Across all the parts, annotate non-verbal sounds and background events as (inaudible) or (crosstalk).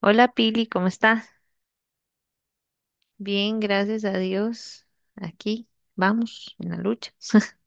Hola Pili, ¿cómo estás? Bien, gracias a Dios. Aquí vamos en la lucha. (laughs)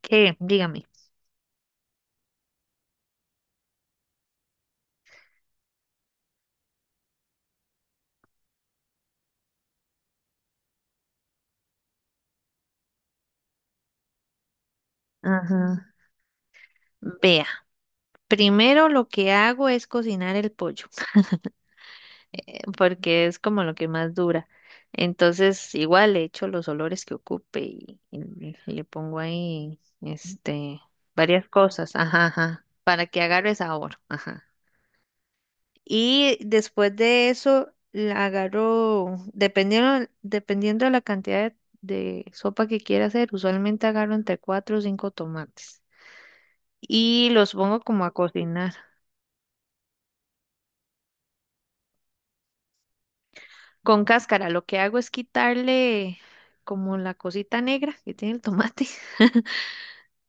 ¿Qué? Dígame. Ajá. Vea, primero lo que hago es cocinar el pollo, (laughs) porque es como lo que más dura. Entonces, igual le echo los olores que ocupe y le pongo ahí, varias cosas, ajá, ajá, para que agarre sabor, ajá. Y después de eso, la agarro, dependiendo de la cantidad de sopa que quiera hacer, usualmente agarro entre cuatro o cinco tomates y los pongo como a cocinar. Con cáscara, lo que hago es quitarle como la cosita negra que tiene el tomate. (laughs)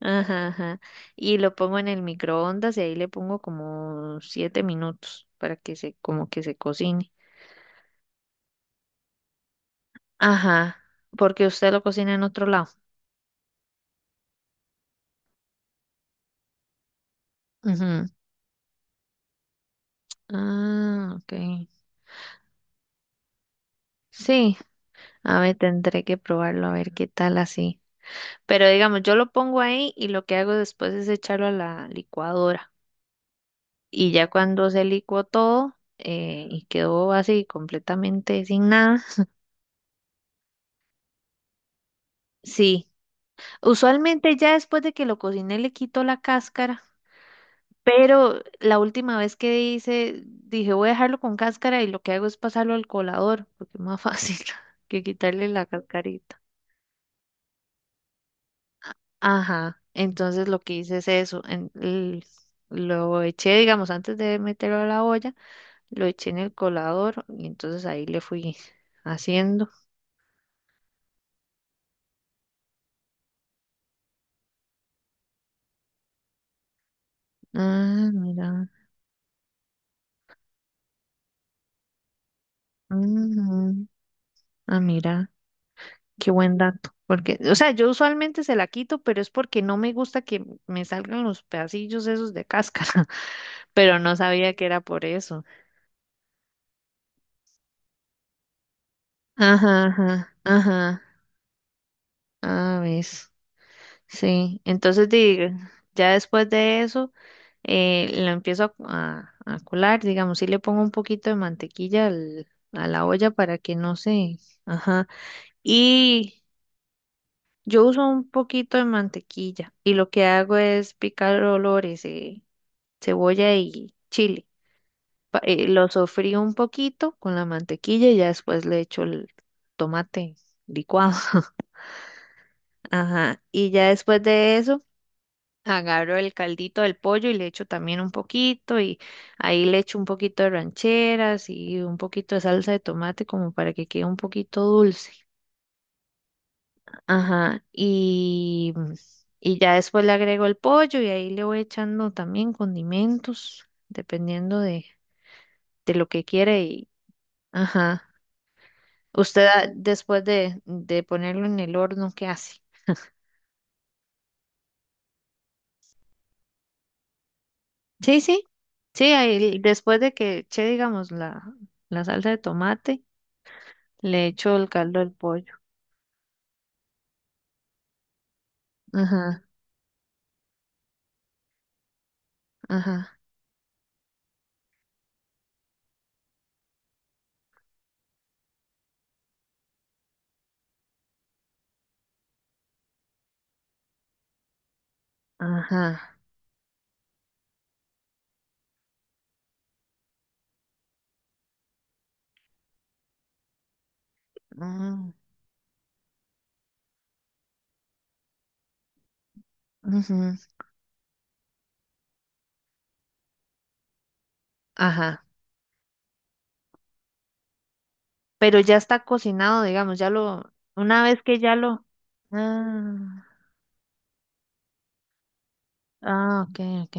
Ajá, ajá. Y lo pongo en el microondas y ahí le pongo como siete minutos para que se, como que se cocine. Ajá, porque usted lo cocina en otro lado. Ujú. Ah, ok. Sí, a ver, tendré que probarlo a ver qué tal así. Pero digamos, yo lo pongo ahí y lo que hago después es echarlo a la licuadora. Y ya cuando se licuó todo y quedó así completamente sin nada, sí. Usualmente ya después de que lo cociné le quito la cáscara, pero la última vez que hice, dije voy a dejarlo con cáscara y lo que hago es pasarlo al colador, porque es más fácil (laughs) que quitarle la cascarita. Ajá, entonces lo que hice es eso, lo eché, digamos, antes de meterlo a la olla, lo eché en el colador y entonces ahí le fui haciendo. Ah, mira, ujú, ah, mira, qué buen dato, porque, o sea, yo usualmente se la quito, pero es porque no me gusta que me salgan los pedacillos esos de cáscara, (laughs) pero no sabía que era por eso. Ajá, ajá, ajá, ah, ves. Sí, entonces ya después de eso lo empiezo a colar, digamos, sí le pongo un poquito de mantequilla a la olla para que no se, ajá, y yo uso un poquito de mantequilla y lo que hago es picar olores, cebolla y chile, lo sofrío un poquito con la mantequilla y ya después le echo el tomate licuado, (laughs) ajá, y ya después de eso agarro el caldito del pollo y le echo también un poquito y ahí le echo un poquito de rancheras y un poquito de salsa de tomate como para que quede un poquito dulce. Ajá, y ya después le agrego el pollo y ahí le voy echando también condimentos, dependiendo de lo que quiere y, ajá. Usted ah, después de ponerlo en el horno, ¿qué hace? Sí, sí, sí, ahí, después de que eché, digamos, la salsa de tomate. Le echo el caldo del pollo. Ajá, ajá, ajá. Mm, ujú, ajá. Pero ya está cocinado, digamos, ya lo, una vez que ya lo, ah, ah, ok, ok.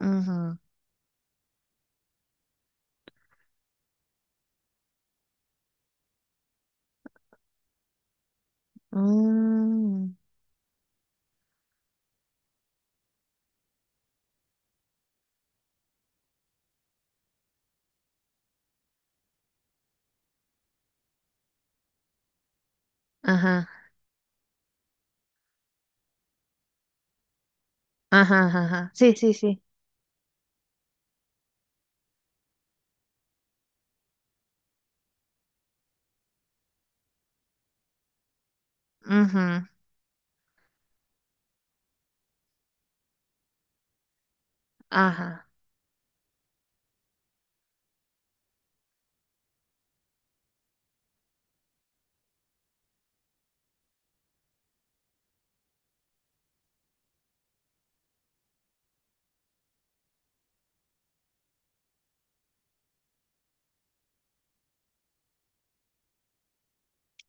Ujú, mm, ajá, ajá, ajá. Ajá, sí, sí, sí. Ujú, ajá,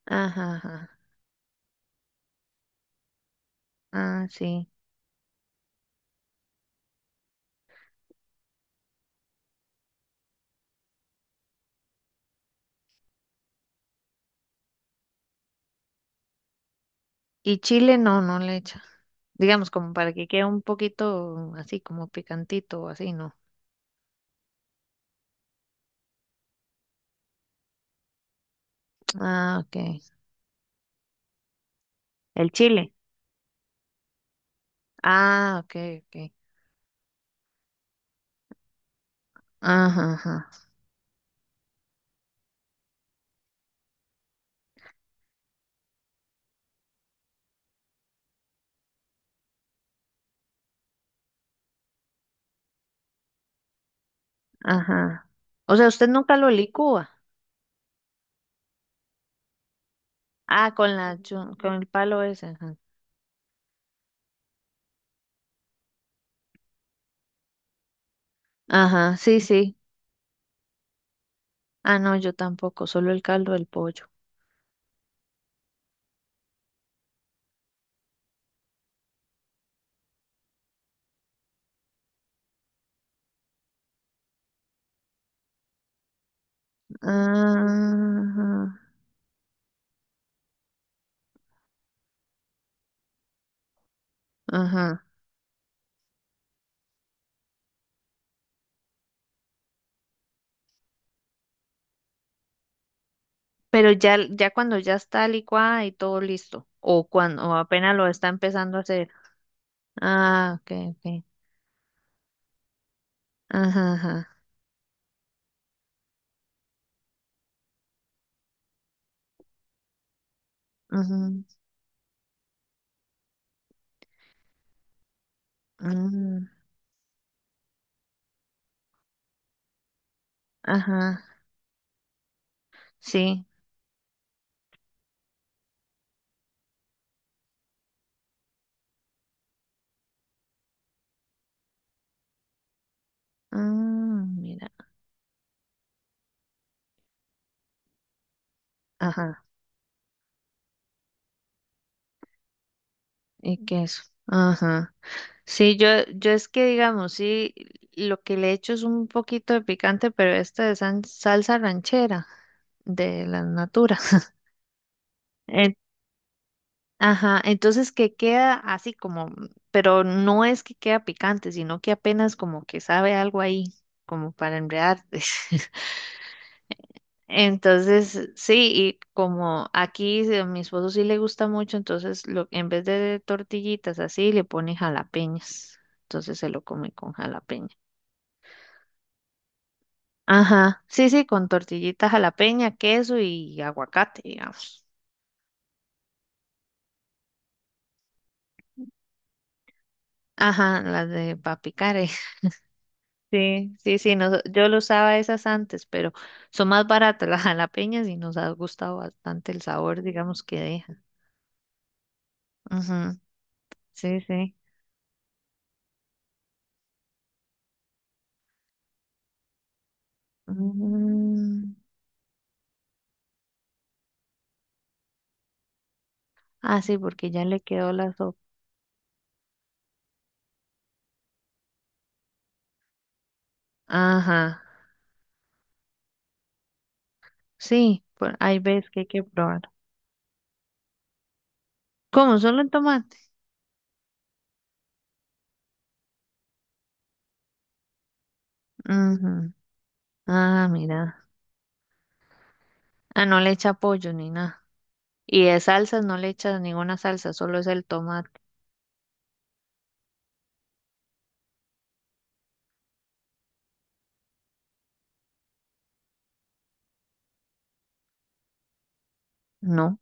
ajá, ajá. Ah, sí. Y chile no, no le echa. Digamos, como para que quede un poquito así, como picantito así, ¿no? Ah, ok. El chile. Ah, ok, ok. Ajá, ajá, ajá. O sea, usted nunca lo licúa. Ah, con la, con el palo ese, ajá. Ajá, sí, sí. Ah, no, yo tampoco, solo el caldo del pollo. Ajá, ajá. Pero ya cuando ya está licuada y todo listo, o cuando o apenas lo está empezando a hacer. Ah, ok, ok. Ajá, ajá. Ujú, mm, ajá, sí. Mm, mira, ajá. Y queso. Ajá. Sí, yo es que digamos, sí, lo que le echo es un poquito de picante, pero esta es salsa ranchera de la natura. (laughs) En- ajá, entonces que queda así como, pero no es que queda picante, sino que apenas como que sabe algo ahí, como para enredarte. (laughs) Entonces, sí, y como aquí sí, a mi esposo sí le gusta mucho, entonces lo, en vez de tortillitas así, le pone jalapeñas. Entonces se lo come con jalapeña. Ajá, sí, sí, con tortillitas jalapeña, queso y aguacate, digamos. Ajá, las de papicare. (laughs) Sí, sí, sí, yo lo usaba esas antes, pero son más baratas las jalapeñas y nos ha gustado bastante el sabor, digamos, que deja. Ujú, sí, sí. Mm. Ah, sí, porque ya le quedó la sopa. Ajá, sí, hay veces que hay que probar. ¿Cómo? ¿Solo en tomate? Ujú. Ah, mira. Ah, no le echa pollo ni nada. Y de salsas no le echa ninguna salsa, solo es el tomate. No.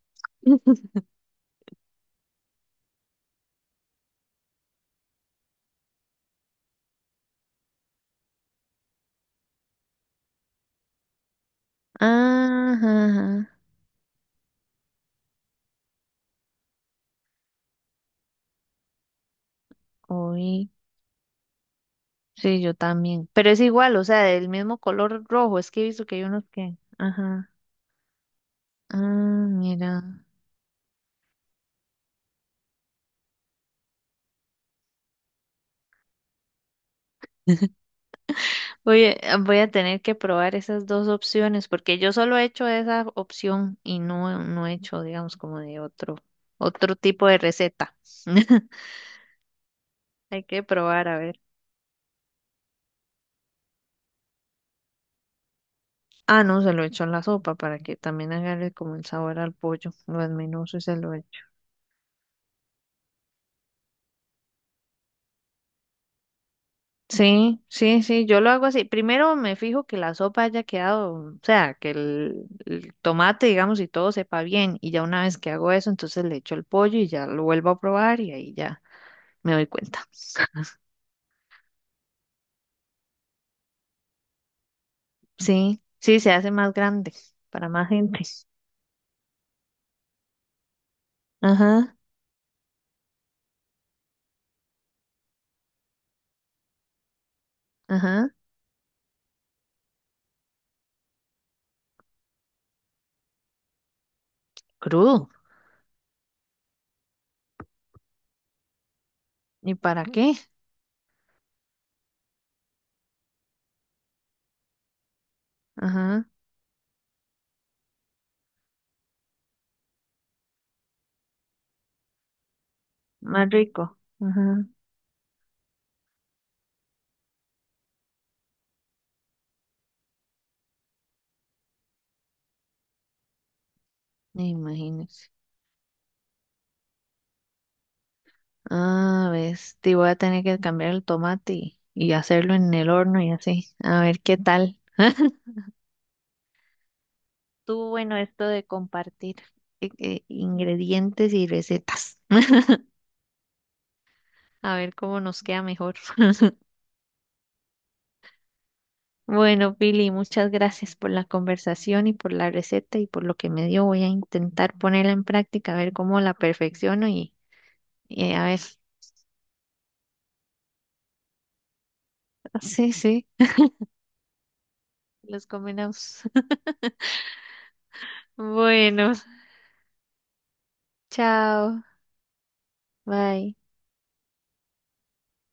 Ajá, ajá. Oí. Sí, yo también. Pero es igual, o sea, del mismo color rojo. Es que he visto que hay unos que. Ajá. Ah, mira. Oye, ah, voy a tener que probar esas dos opciones porque yo solo he hecho esa opción y no he hecho, digamos, como de otro tipo de receta. (laughs) Hay que probar a ver. Ah, no, se lo he hecho en la sopa para que también agarre como el sabor al pollo. Lo desmenuzo y se lo echo. Sí, sí, sí, yo lo hago así. Primero me fijo que la sopa haya quedado, o sea, que el tomate, digamos, y todo sepa bien. Y ya una vez que hago eso, entonces le echo el pollo y ya lo vuelvo a probar y ahí ya me doy cuenta. Sí, sí, se hace más grande para más gente. Ajá, ajá, crudo. ¿Y para qué? Ajá, más rico. Ajá, imagínese. Ah, ves, te voy a tener que cambiar el tomate y hacerlo en el horno y así. A ver qué tal. (laughs) Estuvo bueno esto de compartir ingredientes y recetas. (laughs) A ver cómo nos queda mejor. Bueno, Billy, muchas gracias por la conversación y por la receta y por lo que me dio. Voy a intentar ponerla en práctica, a ver cómo la perfecciono y a ver. (laughs) Sí, sí, los combinamos. (laughs) Bueno, chao, bye.